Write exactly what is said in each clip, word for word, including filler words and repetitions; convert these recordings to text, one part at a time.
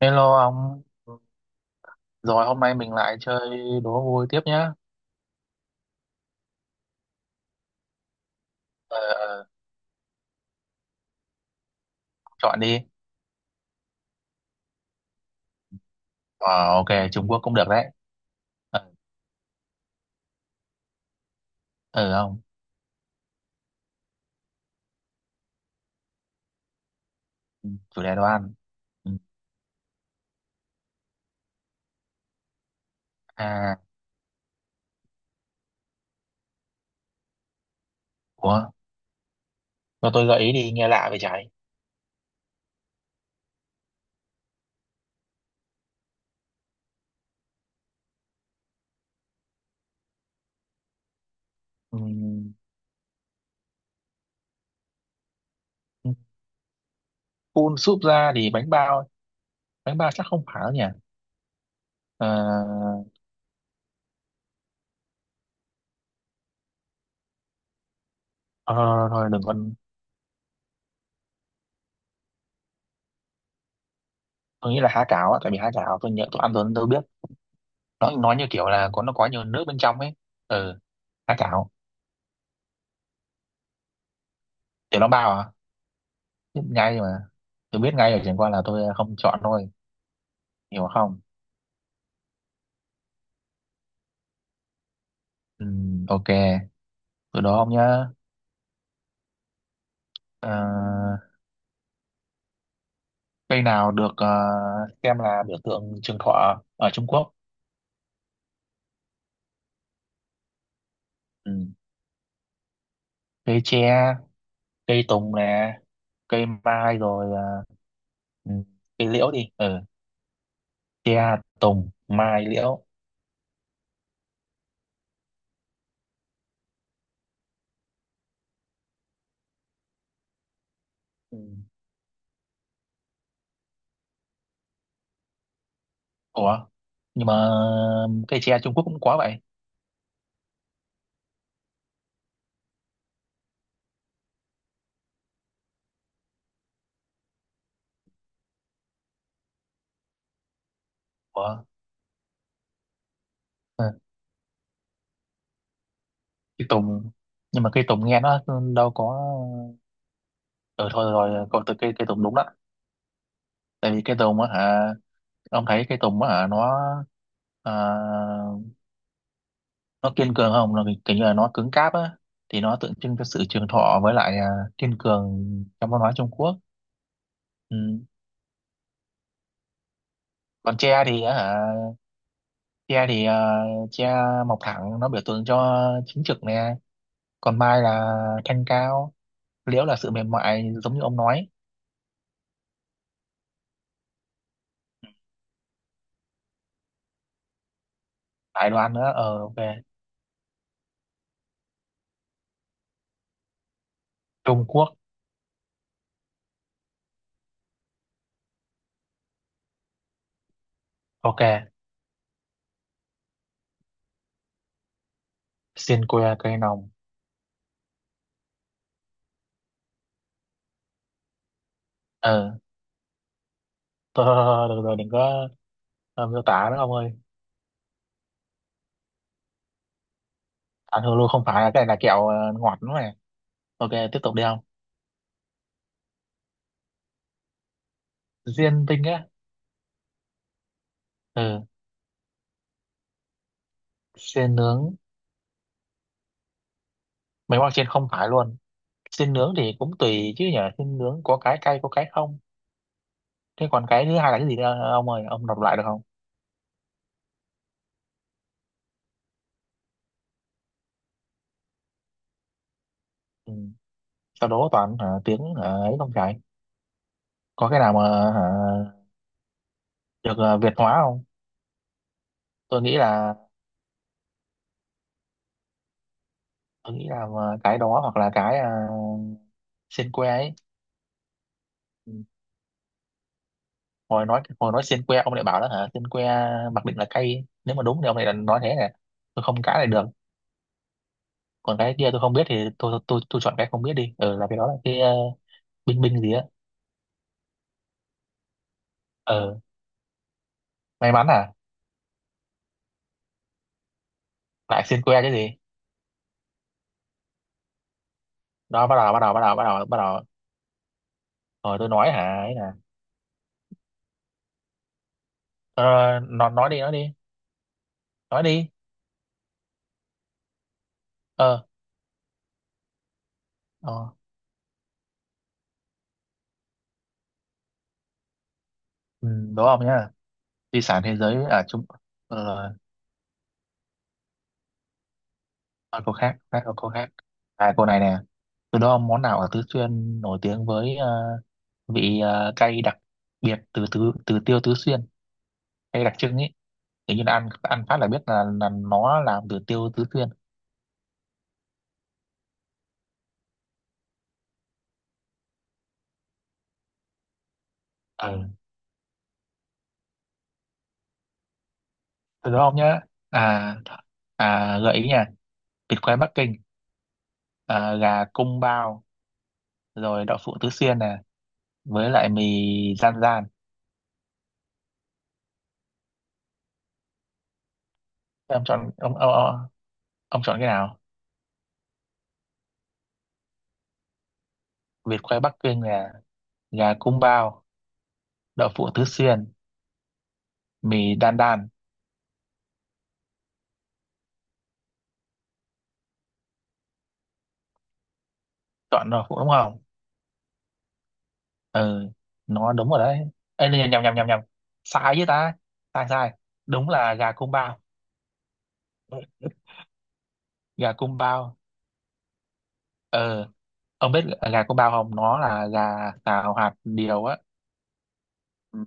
Hello ông, rồi hôm nay mình lại chơi đố vui tiếp nhá. Ờ, ờ, Chọn đi. Ờ, ok, Trung Quốc cũng được đấy. Ờ, ừ, không. Ừ, chủ đề đồ ăn. Ừ. À, ủa, cho tôi gợi ý đi, nghe lạ vậy trái. Ừ. Phun súp ra thì bánh bao, bánh bao chắc không phải đâu nhỉ. Ờ, Thôi, thôi, thôi, đừng còn, tôi nghĩ là há cảo á, tại vì há cảo tôi nhớ tôi ăn rồi nên tôi biết. Nó nói như kiểu là có nó có nhiều nước bên trong ấy. Ừ, há cảo, tiểu long bao à? Biết ngay mà. Tôi biết ngay rồi, chẳng qua là tôi không chọn thôi. Hiểu không. Ừ, ok, từ đó ông nhá. Ờ, Cây nào được ờ, xem là biểu tượng trường thọ ở Trung Quốc. Ừ. Cây tre, cây tùng nè, cây mai rồi, ờ, ừ, cây liễu đi. Ừ. Tre, tùng, mai, liễu. Ừ. Ủa, nhưng mà cây tre Trung Quốc cũng có vậy. Ủa. Ừ. Cây tùng, nhưng mà cây tùng nghe nó đâu có. Ừ, thôi rồi cậu, từ cây cây tùng đúng đó. Tại vì cây tùng á hả, ông thấy cây tùng á hả, nó, à, nó kiên cường không, nó kiểu như là nó cứng cáp á, thì nó tượng trưng cho sự trường thọ với lại à, kiên cường trong văn hóa Trung Quốc. Ừ. Còn tre thì á hả, tre thì à, tre mọc thẳng, nó biểu tượng cho chính trực nè. Còn mai là thanh cao, liễu là sự mềm mại giống như ông nói. Đại đoàn nữa. Ờ, ok. Trung Quốc. Ok. Xiên que cây nồng. Ờ thôi thôi thôi thôi, được rồi đừng có, ờ, miêu tả nữa ông ơi. Ăn hồ lô không phải, cái này là kẹo ờ, ngọt đúng không này. Ok, tiếp tục đi không. Xiên tinh á. Ừ. Xiên nướng. Mấy món trên không phải luôn. Xiên nướng thì cũng tùy chứ nhở, xiên nướng có cái cay có cái không. Thế còn cái thứ hai là cái gì nữa ông ơi, ông đọc lại được không. Ừ. Sau đó toàn hả, tiếng hả, ấy không phải. Có cái nào mà hả, được ờ, Việt hóa không. Tôi nghĩ là tôi nghĩ là ờ, cái đó hoặc là cái, ờ, xiên que ấy. Ừ. hồi nói hồi nói xiên que ông lại bảo đó hả, xiên que mặc định là cay, nếu mà đúng thì ông lại là nói thế này tôi không cãi lại được. Còn cái kia tôi không biết thì tôi tôi tôi chọn cái không biết đi. Ừ, là cái đó là cái, ờ, binh binh gì á. Ừ, may mắn à. Lại xiên que chứ gì. Đó, bắt đầu bắt đầu bắt đầu bắt đầu bắt đầu Rồi tôi nói hả ấy nè. ờ, nó nói đi, nói đi nói đi ờ ờ ừ, đúng không nhá. Di sản thế giới à chúng. Ờ. À, cô khác, khác cô khác. À cô này nè. Từ đó món nào ở Tứ Xuyên nổi tiếng với ờ, vị, ờ, cay đặc biệt từ từ từ tiêu Tứ Xuyên, cay đặc trưng ấy, tự nhiên ăn, ăn phát là biết là là nó làm từ tiêu Tứ Xuyên. Ờ, từ đó không nhá. À. À, gợi ý nha. Vịt quay Bắc Kinh, à, gà cung bao, rồi đậu phụ Tứ Xuyên nè, với lại mì gian gian. Thế ông chọn, ông ông, ông, ông chọn cái nào. Vịt quay Bắc Kinh nè. Gà cung bao. Đậu phụ Tứ Xuyên. Mì đan đan. Chọn đậu phụ đúng không. Ừ, nó đúng rồi đấy. Ê, nhầm nhầm nhầm nhầm nhầm sai với ta. Sai sai Đúng là gà cung bao. Gà cung bao. Ờ, ông biết gà cung bao không, nó là gà xào hạt điều á. Ừ.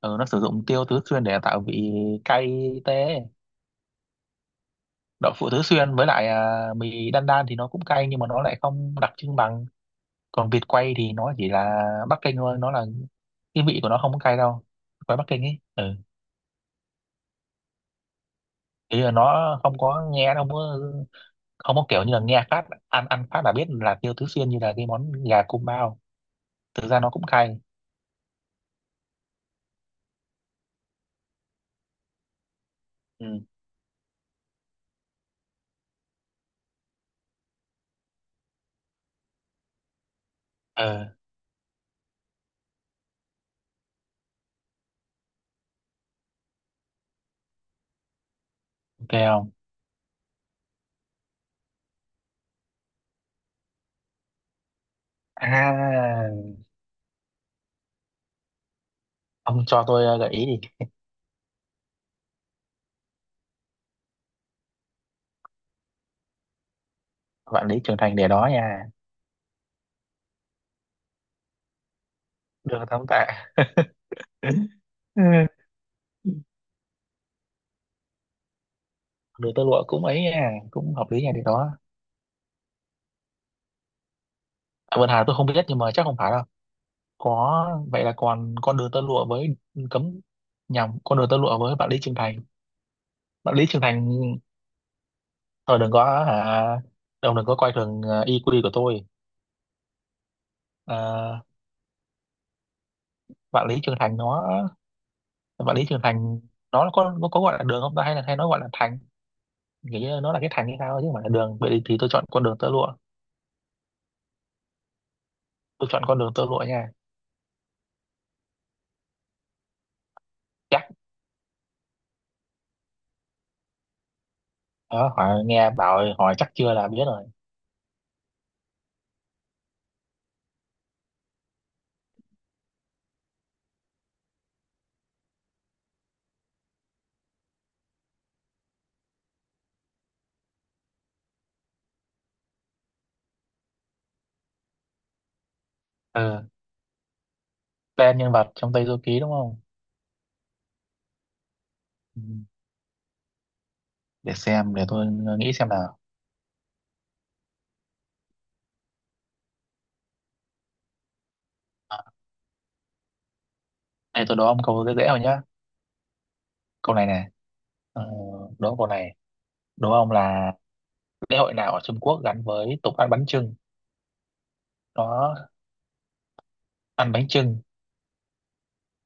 Ờ, nó sử dụng tiêu Tứ Xuyên để tạo vị cay tê. Đậu phụ Tứ Xuyên với lại à, mì đan đan thì nó cũng cay nhưng mà nó lại không đặc trưng bằng. Còn vịt quay thì nó chỉ là Bắc Kinh thôi, nó là cái vị của nó không có cay đâu. Quay Bắc Kinh ấy. Ừ, thì là nó không có nghe, nó không có, không có kiểu như là nghe phát, ăn, ăn phát là biết là tiêu Tứ Xuyên như là cái món gà cung bao. Thực ra nó cũng cay. Ừ. Ờ, ok, không à. Ông cho tôi ờ, gợi ý đi. Vạn Lý Trường Thành để đó nha. Được tấm tạ. Ừ. Đường tơ lụa cũng ấy nha, cũng hợp lý nha, để đó. À, vườn Hà tôi không biết nhưng mà chắc không phải đâu. Có vậy là còn con đường tơ lụa với, cấm nhầm con đường tơ lụa với Vạn Lý Trường Thành. Vạn Lý Trường Thành. Thôi đừng có hả, ông đừng có coi thường ờ, i kiu của tôi. À, Vạn Lý Trường Thành nó, Vạn Lý Trường Thành nó có, nó có gọi là đường không ta hay là hay nó gọi là thành, nghĩ như nó là cái thành hay sao chứ không phải là đường vậy thì, thì tôi chọn con đường tơ lụa. Tôi chọn con đường tơ lụa nha. Chắc. Đó, hỏi nghe bảo hỏi chắc chưa là biết rồi. Ừ. Tên nhân vật trong Tây Du Ký đúng không. Ừ. Để xem, để tôi nghĩ xem nào. À, đây tôi đố ông câu dễ dễ rồi nhá. Câu này nè. ờ, đố câu này, đố ông là lễ hội nào ở Trung Quốc gắn với tục ăn bánh chưng. Nó ăn bánh chưng.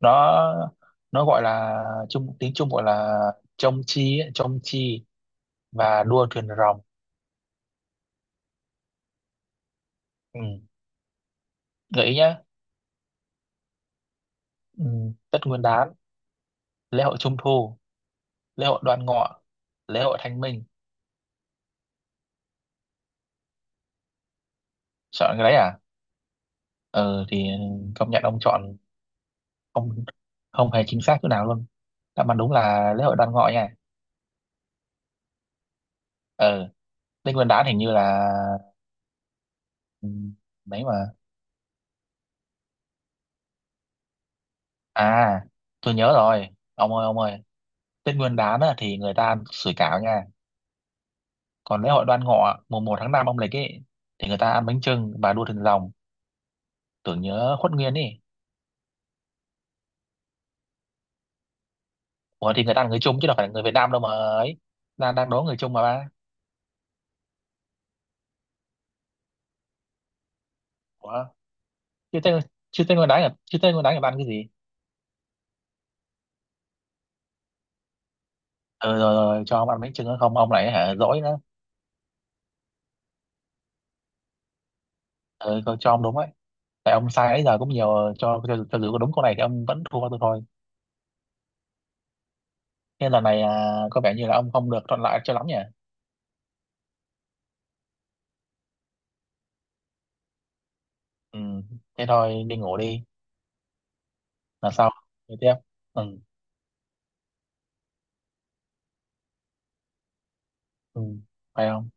nó nó gọi là chung, tiếng Trung gọi là chông chi ấy, chông chi và đua thuyền rồng. Ừ. Gợi ý nhá. Ừ. Tết Nguyên Đán, lễ hội Trung Thu, lễ hội Đoan Ngọ, lễ hội Thanh Minh. Chọn cái đấy à. Ừ thì công nhận ông chọn không, không hề chính xác chỗ nào luôn. Đáp án đúng là lễ hội Đoan Ngọ nha. Ừ. Tết Nguyên Đán hình như là, ừ, đấy mà. À tôi nhớ rồi, ông ơi ông ơi. Tết Nguyên Đán á, thì người ta ăn sủi cảo nha. Còn lễ hội Đoan Ngọ mùng một tháng năm âm lịch ấy, thì người ta ăn bánh chưng và đua thuyền rồng tưởng nhớ Khuất Nguyên ấy. Ủa thì người ta là người Trung chứ đâu phải là người Việt Nam đâu mà ấy. Đang đang đố người Trung mà ba. Ủa, chứ tên, chứ tên con đái là, chứ tên con đái là ăn cái gì. Ừ, rồi, rồi cho ông ăn bánh chưng nữa không ông lại hả dỗi nữa. Ừ, cho cho ông đúng ấy, tại ông sai ấy giờ cũng nhiều, cho cho, cho dù có đúng câu này thì ông vẫn thua tôi thôi. Nên lần này à, có vẻ như là ông không được thuận lợi cho lắm nhỉ. Ừ, thế thôi đi ngủ đi. Là sau. Tiếp. Ừ. Ừ. Phải không.